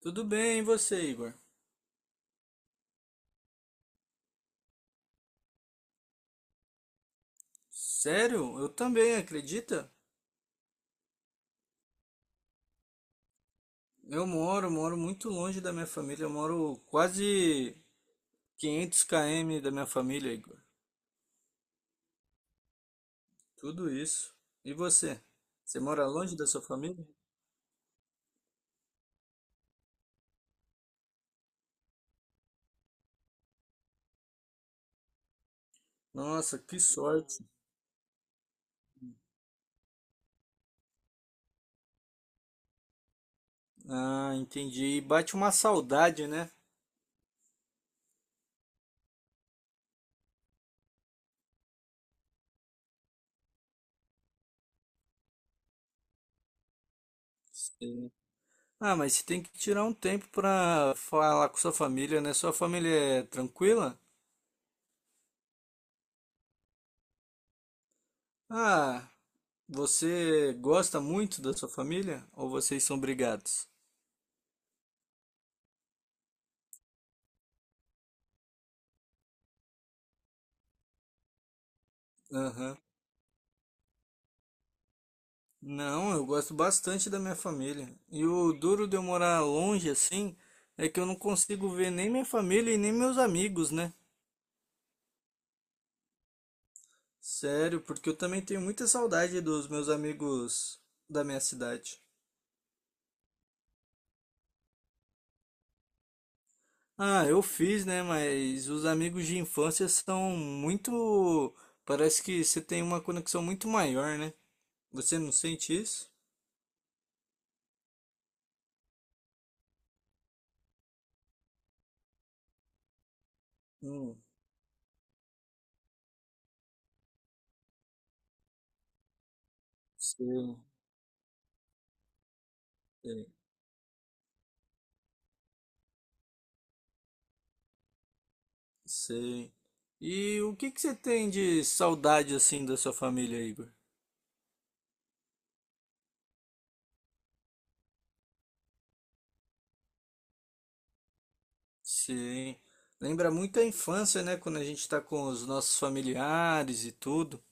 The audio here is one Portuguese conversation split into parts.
Tudo bem, e você, Igor? Sério? Eu também, acredita? Eu moro muito longe da minha família, eu moro quase 500 km da minha família, Igor. Tudo isso. E você? Você mora longe da sua família? Nossa, que sorte. Ah, entendi. E bate uma saudade, né? Sim. Ah, mas você tem que tirar um tempo pra falar com sua família, né? Sua família é tranquila? Ah, você gosta muito da sua família ou vocês são brigados? Aham. Não, eu gosto bastante da minha família. E o duro de eu morar longe assim é que eu não consigo ver nem minha família e nem meus amigos, né? Sério, porque eu também tenho muita saudade dos meus amigos da minha cidade. Ah, eu fiz, né? Mas os amigos de infância são muito. Parece que você tem uma conexão muito maior, né? Você não sente isso? Hum, sei, sei. Sei. E o que que você tem de saudade assim da sua família, Igor? Sim. Lembra muito a infância, né? Quando a gente tá com os nossos familiares e tudo.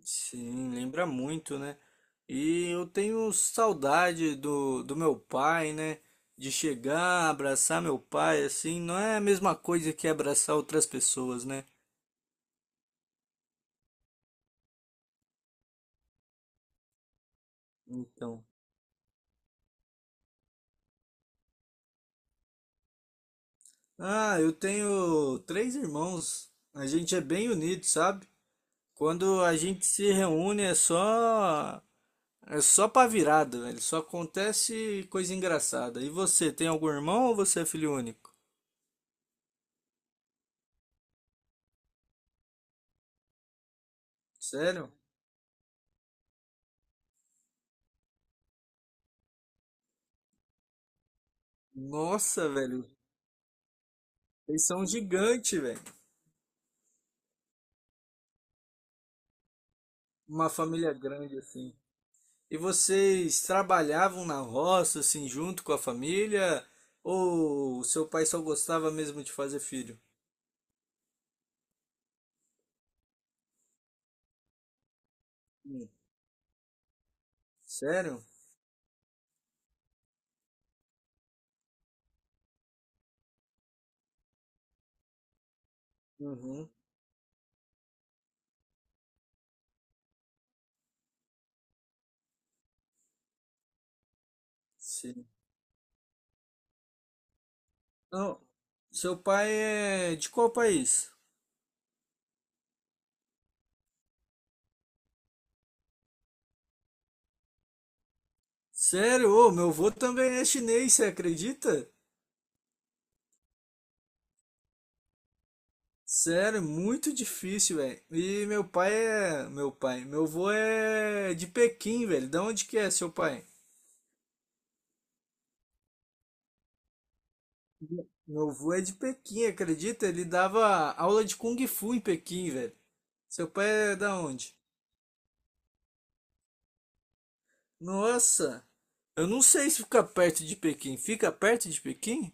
Sim, lembra muito, né? E eu tenho saudade do meu pai, né? De chegar, abraçar meu pai, assim, não é a mesma coisa que abraçar outras pessoas, né? Então. Ah, eu tenho três irmãos. A gente é bem unido, sabe? Quando a gente se reúne é só pra virada, velho. Só acontece coisa engraçada. E você, tem algum irmão ou você é filho único? Sério? Nossa, velho. Vocês são gigante, velho. Uma família grande assim. E vocês trabalhavam na roça assim junto com a família ou o seu pai só gostava mesmo de fazer filho? Hum, Sério? Uhum. Sim. Não. Seu pai é de qual país? Sério, ô, meu avô também é chinês, você acredita? Sério, muito difícil, velho. E meu pai é. Meu pai. Meu avô é de Pequim, velho. Da onde que é seu pai? Meu avô é de Pequim, acredita? Ele dava aula de Kung Fu em Pequim, velho. Seu pai é da onde? Nossa! Eu não sei se fica perto de Pequim. Fica perto de Pequim?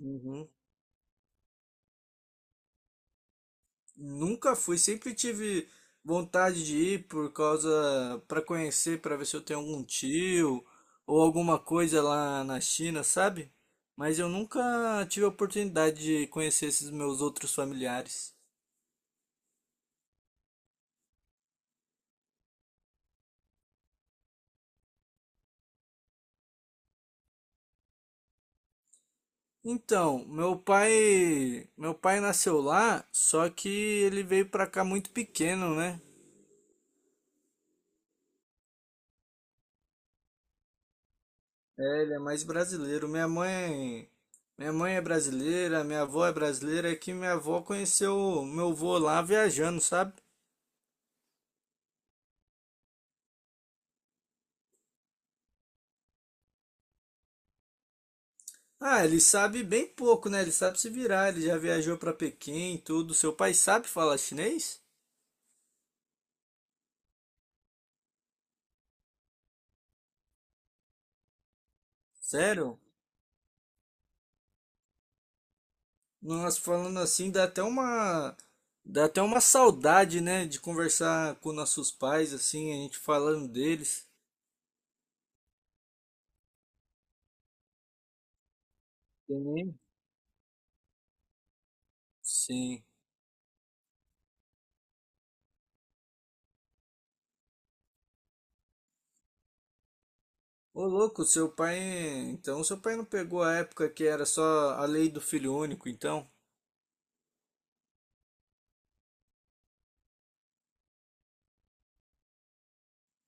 Uhum. Nunca fui, sempre tive vontade de ir por causa para conhecer, para ver se eu tenho algum tio ou alguma coisa lá na China, sabe? Mas eu nunca tive a oportunidade de conhecer esses meus outros familiares. Então, meu pai nasceu lá, só que ele veio pra cá muito pequeno, né? É, ele é mais brasileiro. Minha mãe é brasileira, minha avó é brasileira, é que minha avó conheceu meu avô lá viajando, sabe? Ah, ele sabe bem pouco, né? Ele sabe se virar, ele já viajou para Pequim, e tudo. Seu pai sabe falar chinês? Sério? Nós falando assim dá até uma saudade, né, de conversar com nossos pais assim, a gente falando deles. Sim. Sim. Ô louco, seu pai, então seu pai não pegou a época que era só a lei do filho único, então?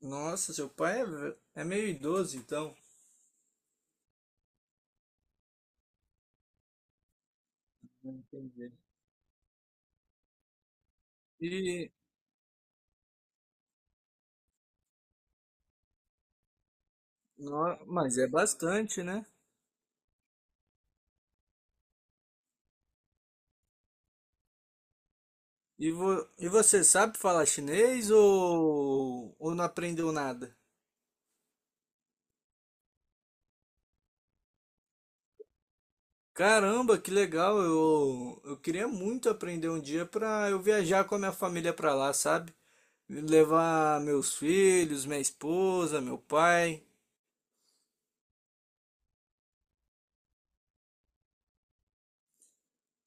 Nossa, seu pai é, é meio idoso, então. Não entendi. E, mas é bastante, né? E, e você sabe falar chinês ou não aprendeu nada? Caramba, que legal! Eu queria muito aprender um dia para eu viajar com a minha família para lá, sabe? Levar meus filhos, minha esposa, meu pai.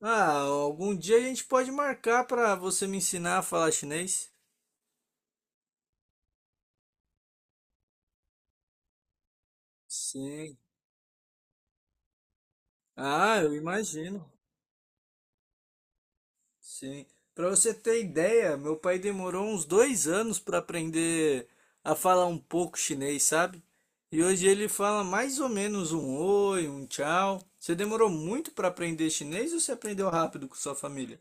Ah, algum dia a gente pode marcar para você me ensinar a falar chinês? Sim. Ah, eu imagino. Sim. Para você ter ideia, meu pai demorou uns 2 anos para aprender a falar um pouco chinês, sabe? E hoje ele fala mais ou menos um oi, um tchau. Você demorou muito para aprender chinês ou você aprendeu rápido com sua família?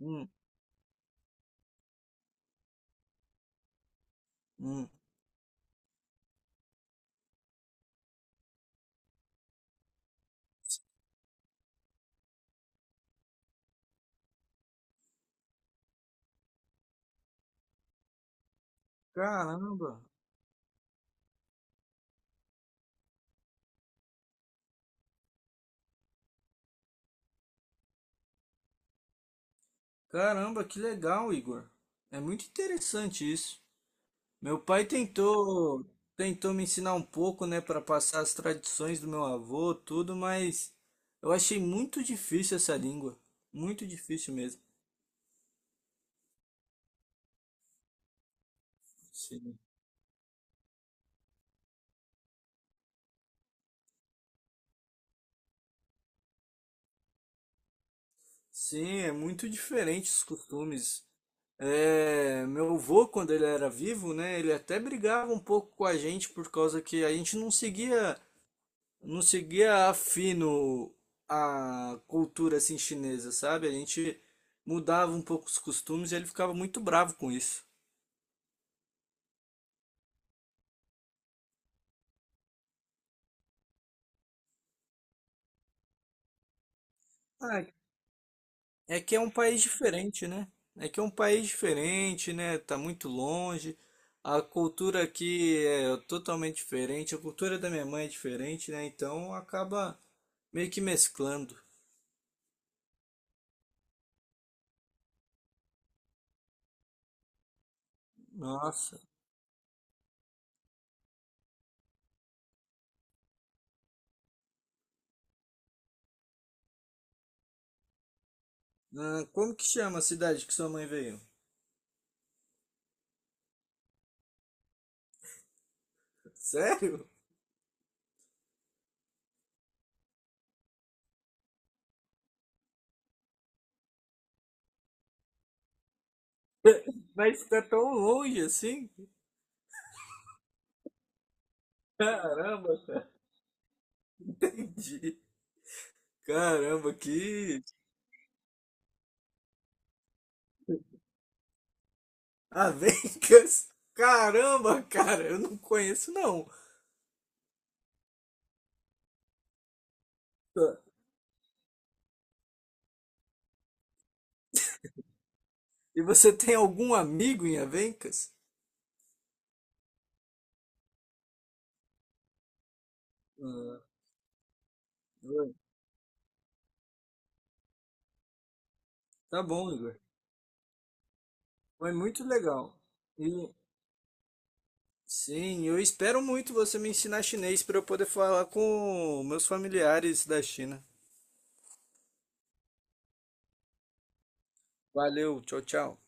Hum, hum. Caramba, caramba, que legal, Igor. É muito interessante isso. Meu pai tentou tentou me ensinar um pouco, né, para passar as tradições do meu avô, tudo, mas eu achei muito difícil essa língua, muito difícil mesmo. Sim. Sim, é muito diferente os costumes. É, meu avô, quando ele era vivo, né, ele até brigava um pouco com a gente por causa que a gente não seguia a fino a cultura assim chinesa, sabe? A gente mudava um pouco os costumes e ele ficava muito bravo com isso. Ah, é que é um país diferente, né? É que é um país diferente, né? Tá muito longe. A cultura aqui é totalmente diferente. A cultura da minha mãe é diferente, né? Então acaba meio que mesclando. Nossa. Ah, como que chama a cidade que sua mãe veio? Sério? Mas tá tão longe assim? Caramba, cara. Entendi. Caramba, que. Avencas! Caramba, cara, eu não conheço não. E você tem algum amigo em Avencas? Ah, oi. Tá bom, Igor. Foi muito legal. E sim, eu espero muito você me ensinar chinês para eu poder falar com meus familiares da China. Valeu, tchau, tchau.